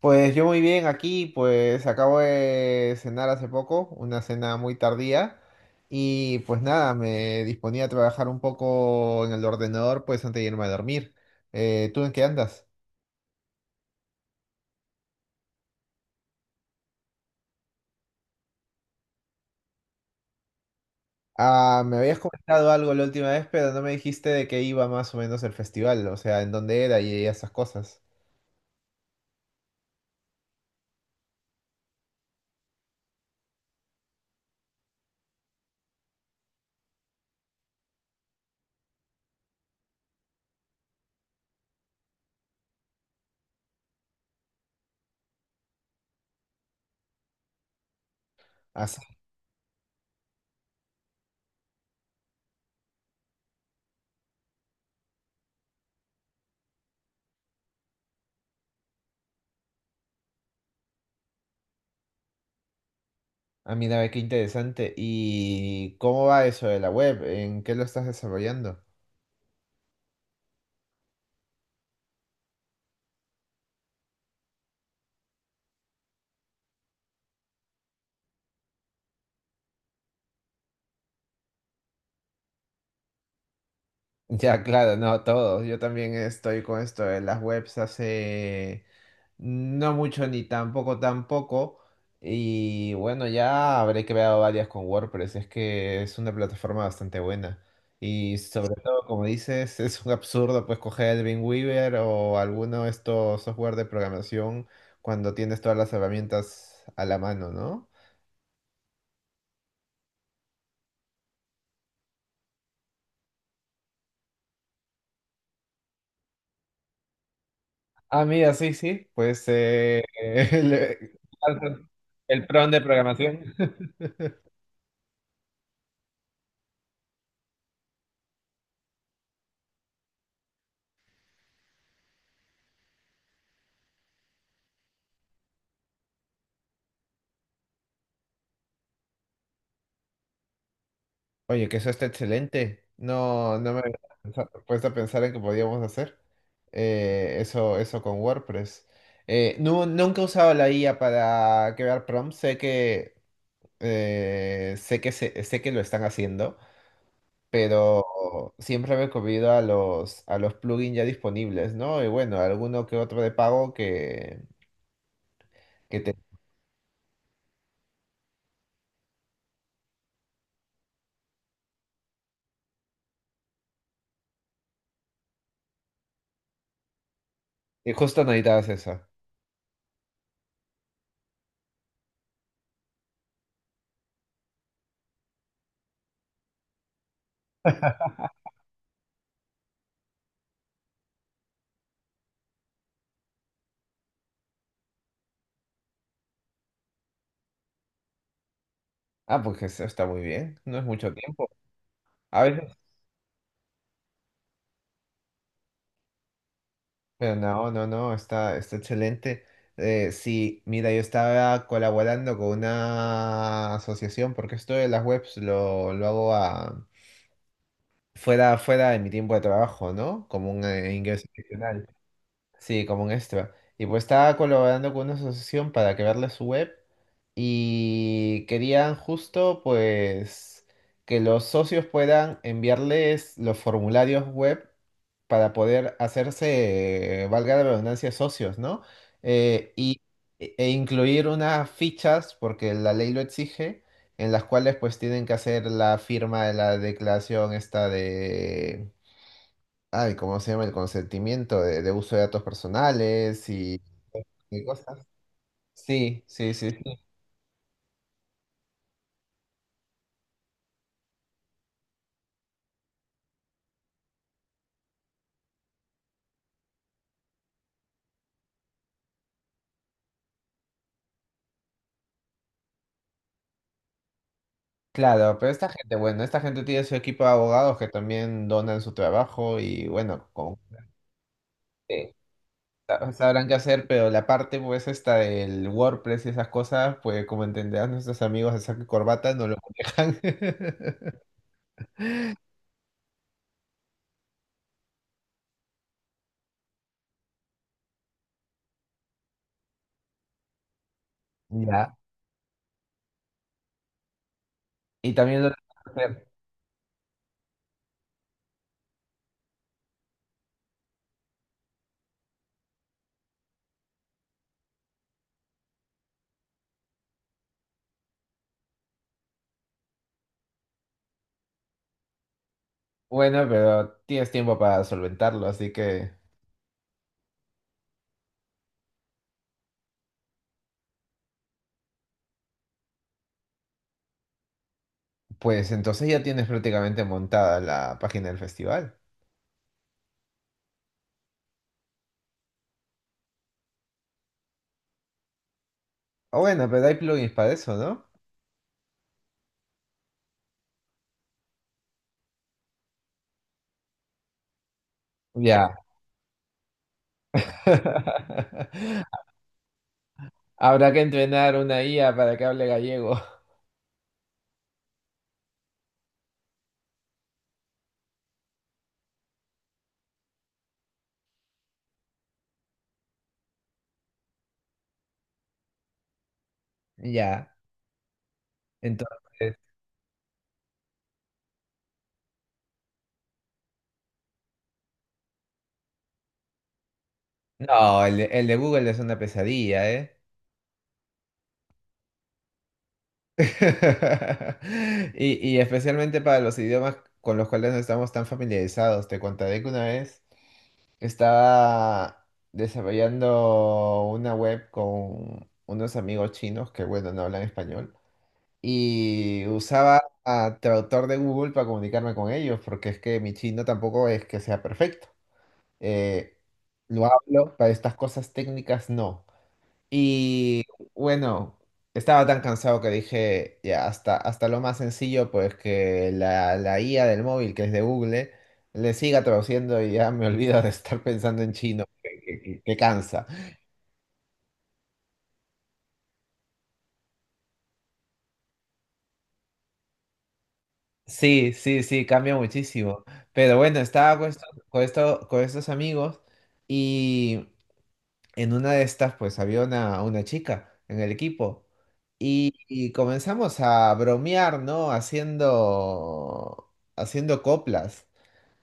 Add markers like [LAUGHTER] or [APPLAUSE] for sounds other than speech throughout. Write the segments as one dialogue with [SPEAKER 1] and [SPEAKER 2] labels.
[SPEAKER 1] Pues yo muy bien aquí, pues acabo de cenar hace poco, una cena muy tardía y pues nada, me disponía a trabajar un poco en el ordenador pues antes de irme a dormir. ¿Tú en qué andas? Ah, me habías comentado algo la última vez, pero no me dijiste de qué iba más o menos el festival, o sea, en dónde era y esas cosas. Así. Ah, mira, ve qué interesante. ¿Y cómo va eso de la web? ¿En qué lo estás desarrollando? Ya, claro, no, todos. Yo también estoy con esto de las webs hace no mucho ni tampoco. Y bueno, ya habré creado varias con WordPress. Es que es una plataforma bastante buena. Y sobre todo, como dices, es un absurdo pues coger el Weaver o alguno de estos software de programación cuando tienes todas las herramientas a la mano, ¿no? Ah, mira, sí, sí. Pues [LAUGHS] el prompt de programación. Oye, que eso está excelente. No, no me había puesto a pensar en que podíamos hacer eso con WordPress. Nunca he usado la IA para crear prompts. Sé que sé que lo están haciendo, pero siempre me he comido a a los plugins ya disponibles, ¿no? Y bueno, alguno que otro de pago que te... que justo necesitabas eso. Ah, pues eso está muy bien. No es mucho tiempo. A veces pero no, está, está excelente. Sí, mira, yo estaba colaborando con una asociación, porque esto de las webs lo hago fuera, fuera de mi tiempo de trabajo, ¿no? Como un ingreso adicional. Sí, como un extra. Y pues estaba colaborando con una asociación para crearle su web y querían justo pues que los socios puedan enviarles los formularios web para poder hacerse, valga la redundancia, socios, ¿no? Eh, y, e incluir unas fichas, porque la ley lo exige, en las cuales pues tienen que hacer la firma de la declaración esta. Ay, ¿cómo se llama? El consentimiento de uso de datos personales y cosas. Sí, sí, sí, sí. Claro, pero esta gente, bueno, esta gente tiene su equipo de abogados que también donan su trabajo y bueno, con, eh, sabrán qué hacer, pero la parte pues esta del WordPress y esas cosas, pues como entenderán nuestros amigos de saco y corbata no lo manejan. [LAUGHS] Ya. Y también lo... Bueno, pero tienes tiempo para solventarlo, así que... Pues entonces ya tienes prácticamente montada la página del festival. Ah, bueno, pero hay plugins para eso, ¿no? Ya. [LAUGHS] Habrá que entrenar una IA para que hable gallego. [LAUGHS] Ya. Entonces, no, el de Google es una pesadilla, ¿eh? [LAUGHS] Y, y especialmente para los idiomas con los cuales no estamos tan familiarizados. Te contaré que una vez estaba desarrollando una web con unos amigos chinos que, bueno, no hablan español, y usaba a traductor de Google para comunicarme con ellos, porque es que mi chino tampoco es que sea perfecto. Eh, lo hablo, para estas cosas técnicas no. Y bueno, estaba tan cansado que dije, ya, hasta lo más sencillo, pues que la IA del móvil, que es de Google, le siga traduciendo y ya me [LAUGHS] olvido de estar pensando en chino, que cansa. Sí, sí, sí, cambia muchísimo. Pero bueno, estaba con con estos amigos y en una de estas pues había una chica en el equipo y comenzamos a bromear, ¿no? Haciendo coplas.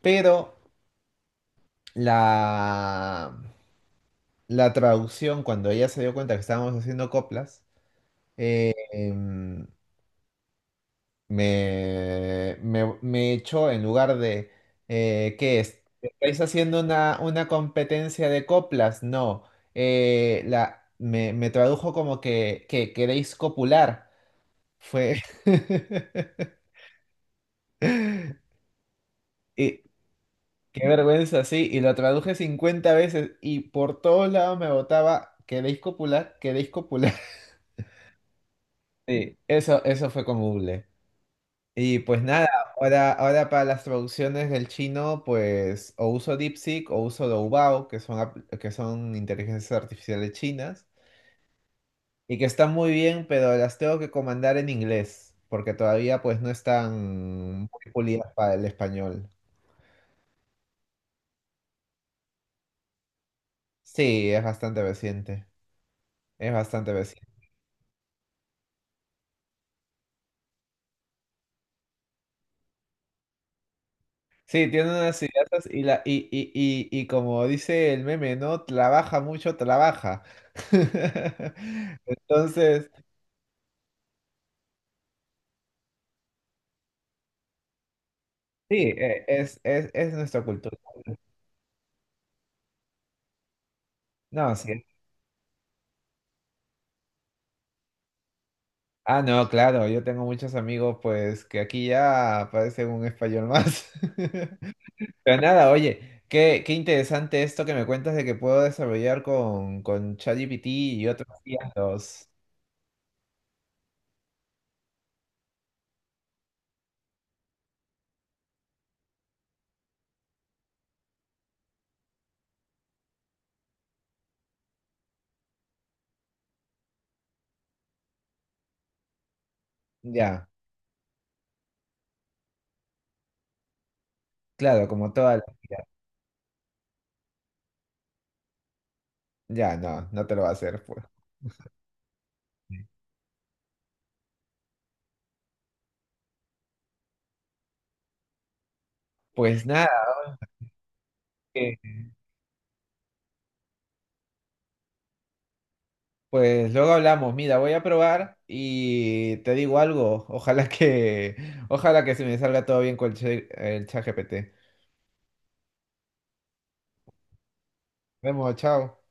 [SPEAKER 1] Pero la, la traducción, cuando ella se dio cuenta que estábamos haciendo coplas, em, me echó en lugar de, ¿qué es? ¿Estáis haciendo una competencia de coplas? No. Me tradujo como que queréis copular. Fue. [LAUGHS] Y qué vergüenza, sí. Y lo traduje 50 veces y por todos lados me botaba, ¿queréis copular? ¿Queréis copular? [LAUGHS] Sí, eso fue como Google. Y pues nada, ahora para las traducciones del chino, pues o uso DeepSeek o uso Doubao, que son inteligencias artificiales chinas, y que están muy bien, pero las tengo que comandar en inglés, porque todavía pues no están muy pulidas para el español. Sí, es bastante reciente, es bastante reciente. Sí, tiene unas ideas y, la, y como dice el meme, ¿no? Trabaja mucho, trabaja. [LAUGHS] Entonces... Sí, es nuestra cultura. No, sí. Ah, no, claro, yo tengo muchos amigos, pues, que aquí ya parecen un español más. [LAUGHS] Pero nada, oye, qué interesante esto que me cuentas de que puedo desarrollar con ChatGPT y otros guías. Ya, claro, como toda la vida. Ya, no, no te lo va a hacer, pues. Pues nada, eh, pues luego hablamos. Mira, voy a probar y te digo algo. Ojalá que se me salga todo bien con el ChatGPT. Nos vemos, chao.